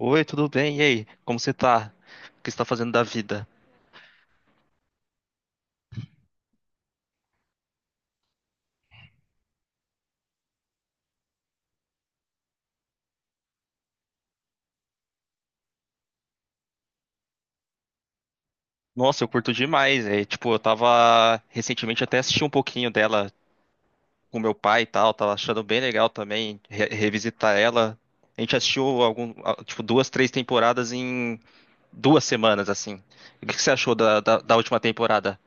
Oi, tudo bem? E aí? Como você tá? O que você tá fazendo da vida? Nossa, eu curto demais. É, tipo, eu tava recentemente até assisti um pouquinho dela com meu pai e tal, tava achando bem legal também revisitar ela. A gente assistiu algum, tipo, duas, três temporadas em duas semanas, assim. O que que você achou da última temporada?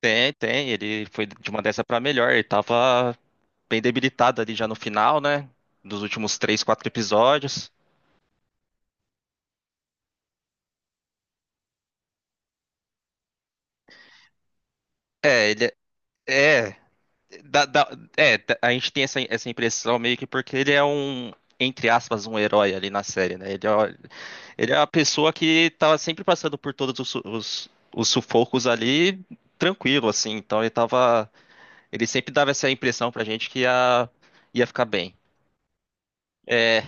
Tem, tem, ele foi de uma dessa pra melhor. Ele tava bem debilitado ali já no final, né? Dos últimos três, quatro episódios. É, ele é. da- da- é, a gente tem essa impressão meio que porque ele é um, entre aspas, um herói ali na série, né? Ele é, ele é a pessoa que tava sempre passando por todos os, os sufocos ali tranquilo, assim. Então ele tava, ele sempre dava essa impressão pra gente que ia, ia ficar bem. É,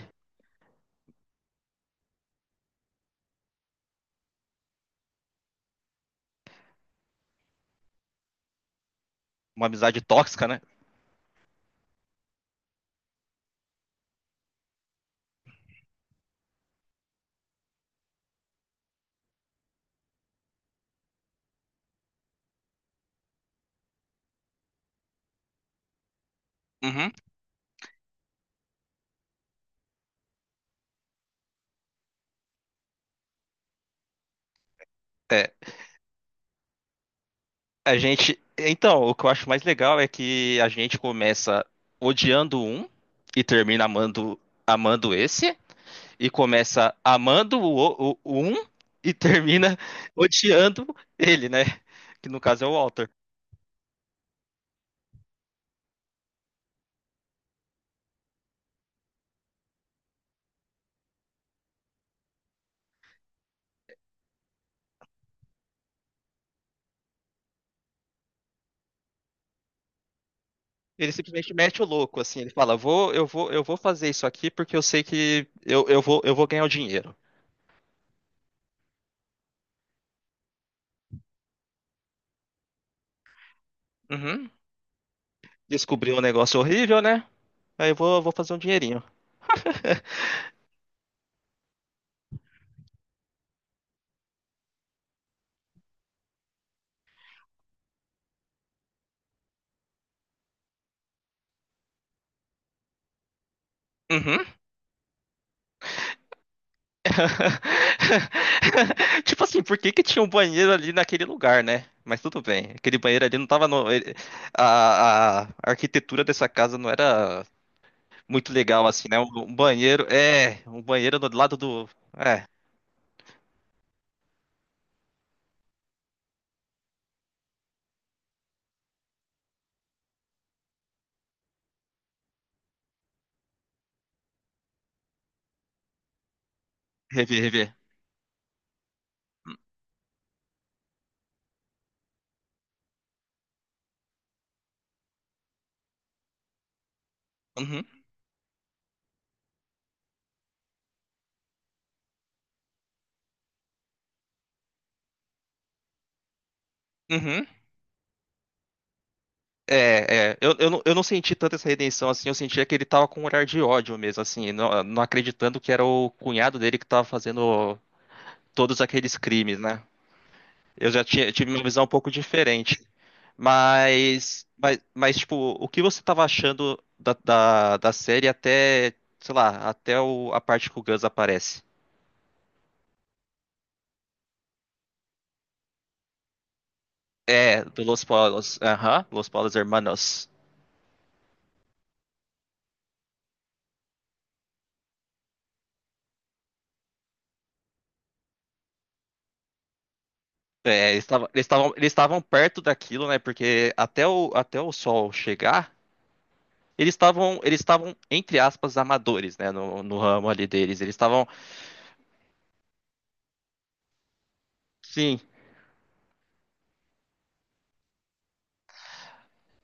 uma amizade tóxica, né? Uhum. É, a gente, então, o que eu acho mais legal é que a gente começa odiando um e termina amando, amando esse. E começa amando o um e termina odiando ele, né? Que no caso é o Walter. Ele simplesmente mete o louco, assim, ele fala, vou, eu vou fazer isso aqui porque eu sei que eu, eu vou ganhar o dinheiro. Uhum. Descobriu um negócio horrível, né? Aí eu vou, vou fazer um dinheirinho. Uhum. Tipo assim, por que que tinha um banheiro ali naquele lugar, né? Mas tudo bem. Aquele banheiro ali não tava no. A arquitetura dessa casa não era muito legal, assim, né? Um um banheiro. É, um banheiro do lado do. É, rever, rever. Uhum, uhum. É, é. Não, eu não senti tanto essa redenção assim, eu sentia que ele tava com um olhar de ódio mesmo, assim, não, não acreditando que era o cunhado dele que tava fazendo todos aqueles crimes, né? Eu já tinha, tive uma visão um pouco diferente. Mas tipo, o que você tava achando da série até, sei lá, até a parte que o Gus aparece? É, do Los Polos. Aham, Los Polos Hermanos. É, eles estavam perto daquilo, né? Porque até o, até o sol chegar, eles estavam, entre aspas, amadores, né? No, no ramo ali deles. Eles estavam. Sim,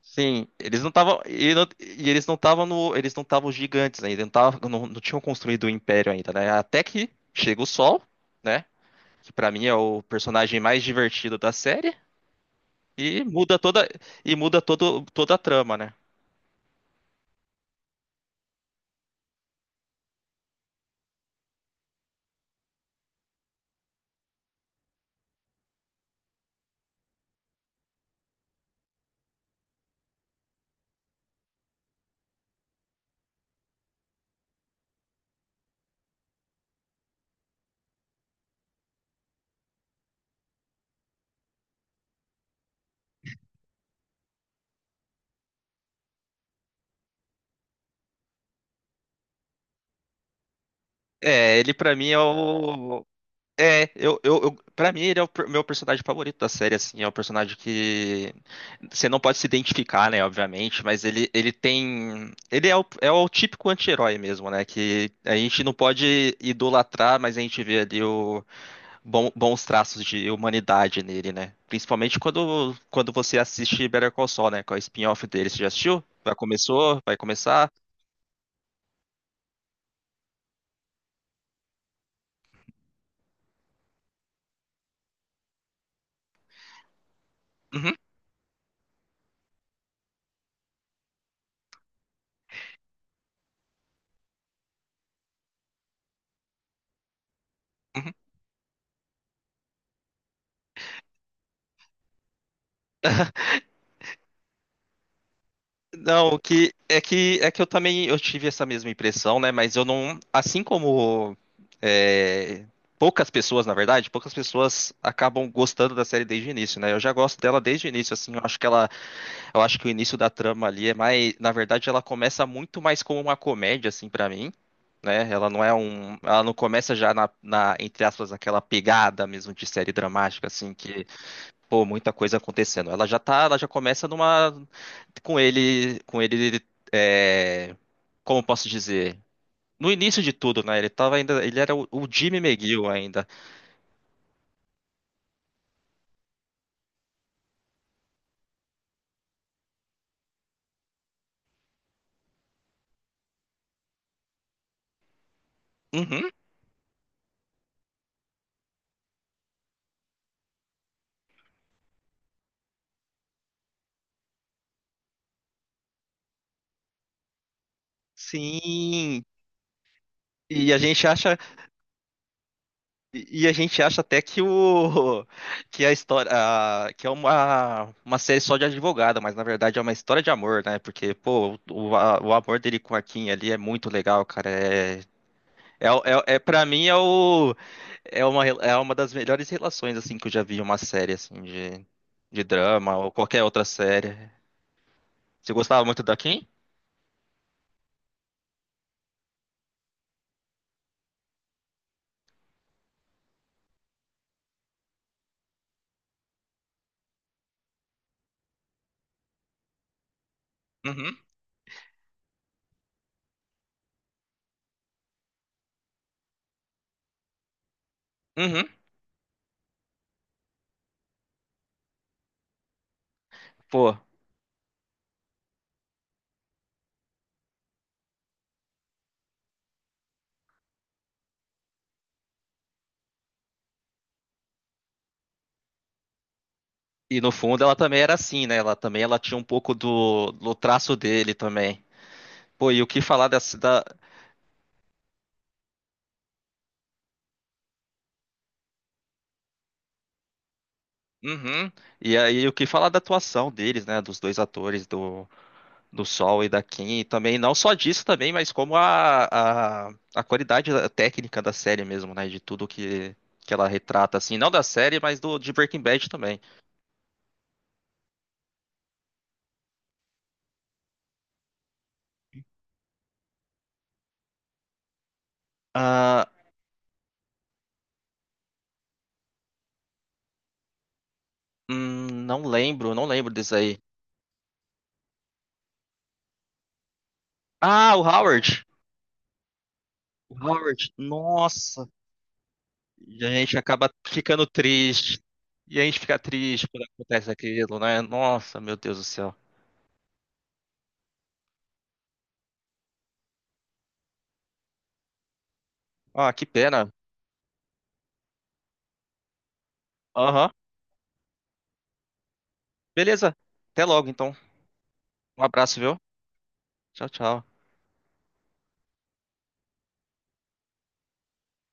sim. Eles não estavam. E, e eles não estavam no. Eles não estavam gigantes ainda. Não, não, não tinham construído o império ainda, né? Até que chega o sol, né? Que pra mim é o personagem mais divertido da série. E muda toda. E muda todo, toda a trama, né? É, ele pra mim é o. Pra mim ele é meu personagem favorito da série, assim, é o personagem que você não pode se identificar, né, obviamente, mas ele tem, ele é o, é o típico anti-herói mesmo, né, que a gente não pode idolatrar, mas a gente vê ali o bons traços de humanidade nele, né, principalmente quando, quando você assiste Better Call Saul, né, com a spin-off dele, você já assistiu? Já começou? Vai começar? Uhum. Não, o que é que eu também eu tive essa mesma impressão, né? Mas eu não, assim como é, poucas pessoas, na verdade, poucas pessoas acabam gostando da série desde o início, né? Eu já gosto dela desde o início, assim. Eu acho que ela, eu acho que o início da trama ali é mais, na verdade, ela começa muito mais como uma comédia, assim, pra mim. Né? Ela não é um, ela não começa já na, na, entre aspas, aquela pegada mesmo de série dramática, assim, que pô, muita coisa acontecendo. Ela já tá, ela já começa numa com ele é, como posso dizer? No início de tudo, né? Ele tava ainda, ele era o Jimmy McGill ainda. Uhum, sim. E a gente acha, e a gente acha até que o que a história, que é uma série só de advogada, mas na verdade é uma história de amor, né? Porque pô, o, o amor dele com a Kim ali é muito legal, cara. É É, é para mim é o é é uma das melhores relações assim que eu já vi em uma série assim de drama ou qualquer outra série. Você gostava muito da Kim? Uhum. Uhum. Pô, e no fundo ela também era assim, né? Ela também ela tinha um pouco do, do traço dele também. Pô, e o que falar dessa da Uhum. E aí o que falar da atuação deles, né, dos dois atores do do Sol e da Kim, e também não só disso também, mas como a qualidade técnica da série mesmo, né? De tudo que ela retrata, assim, não da série, mas do de Breaking Bad também. Ah, não lembro, não lembro disso aí. Ah, o Howard! O Howard, nossa! E a gente acaba ficando triste. E a gente fica triste quando acontece aquilo, né? Nossa, meu Deus do céu. Ah, que pena. Aham. Beleza. Até logo, então. Um abraço, viu? Tchau, tchau.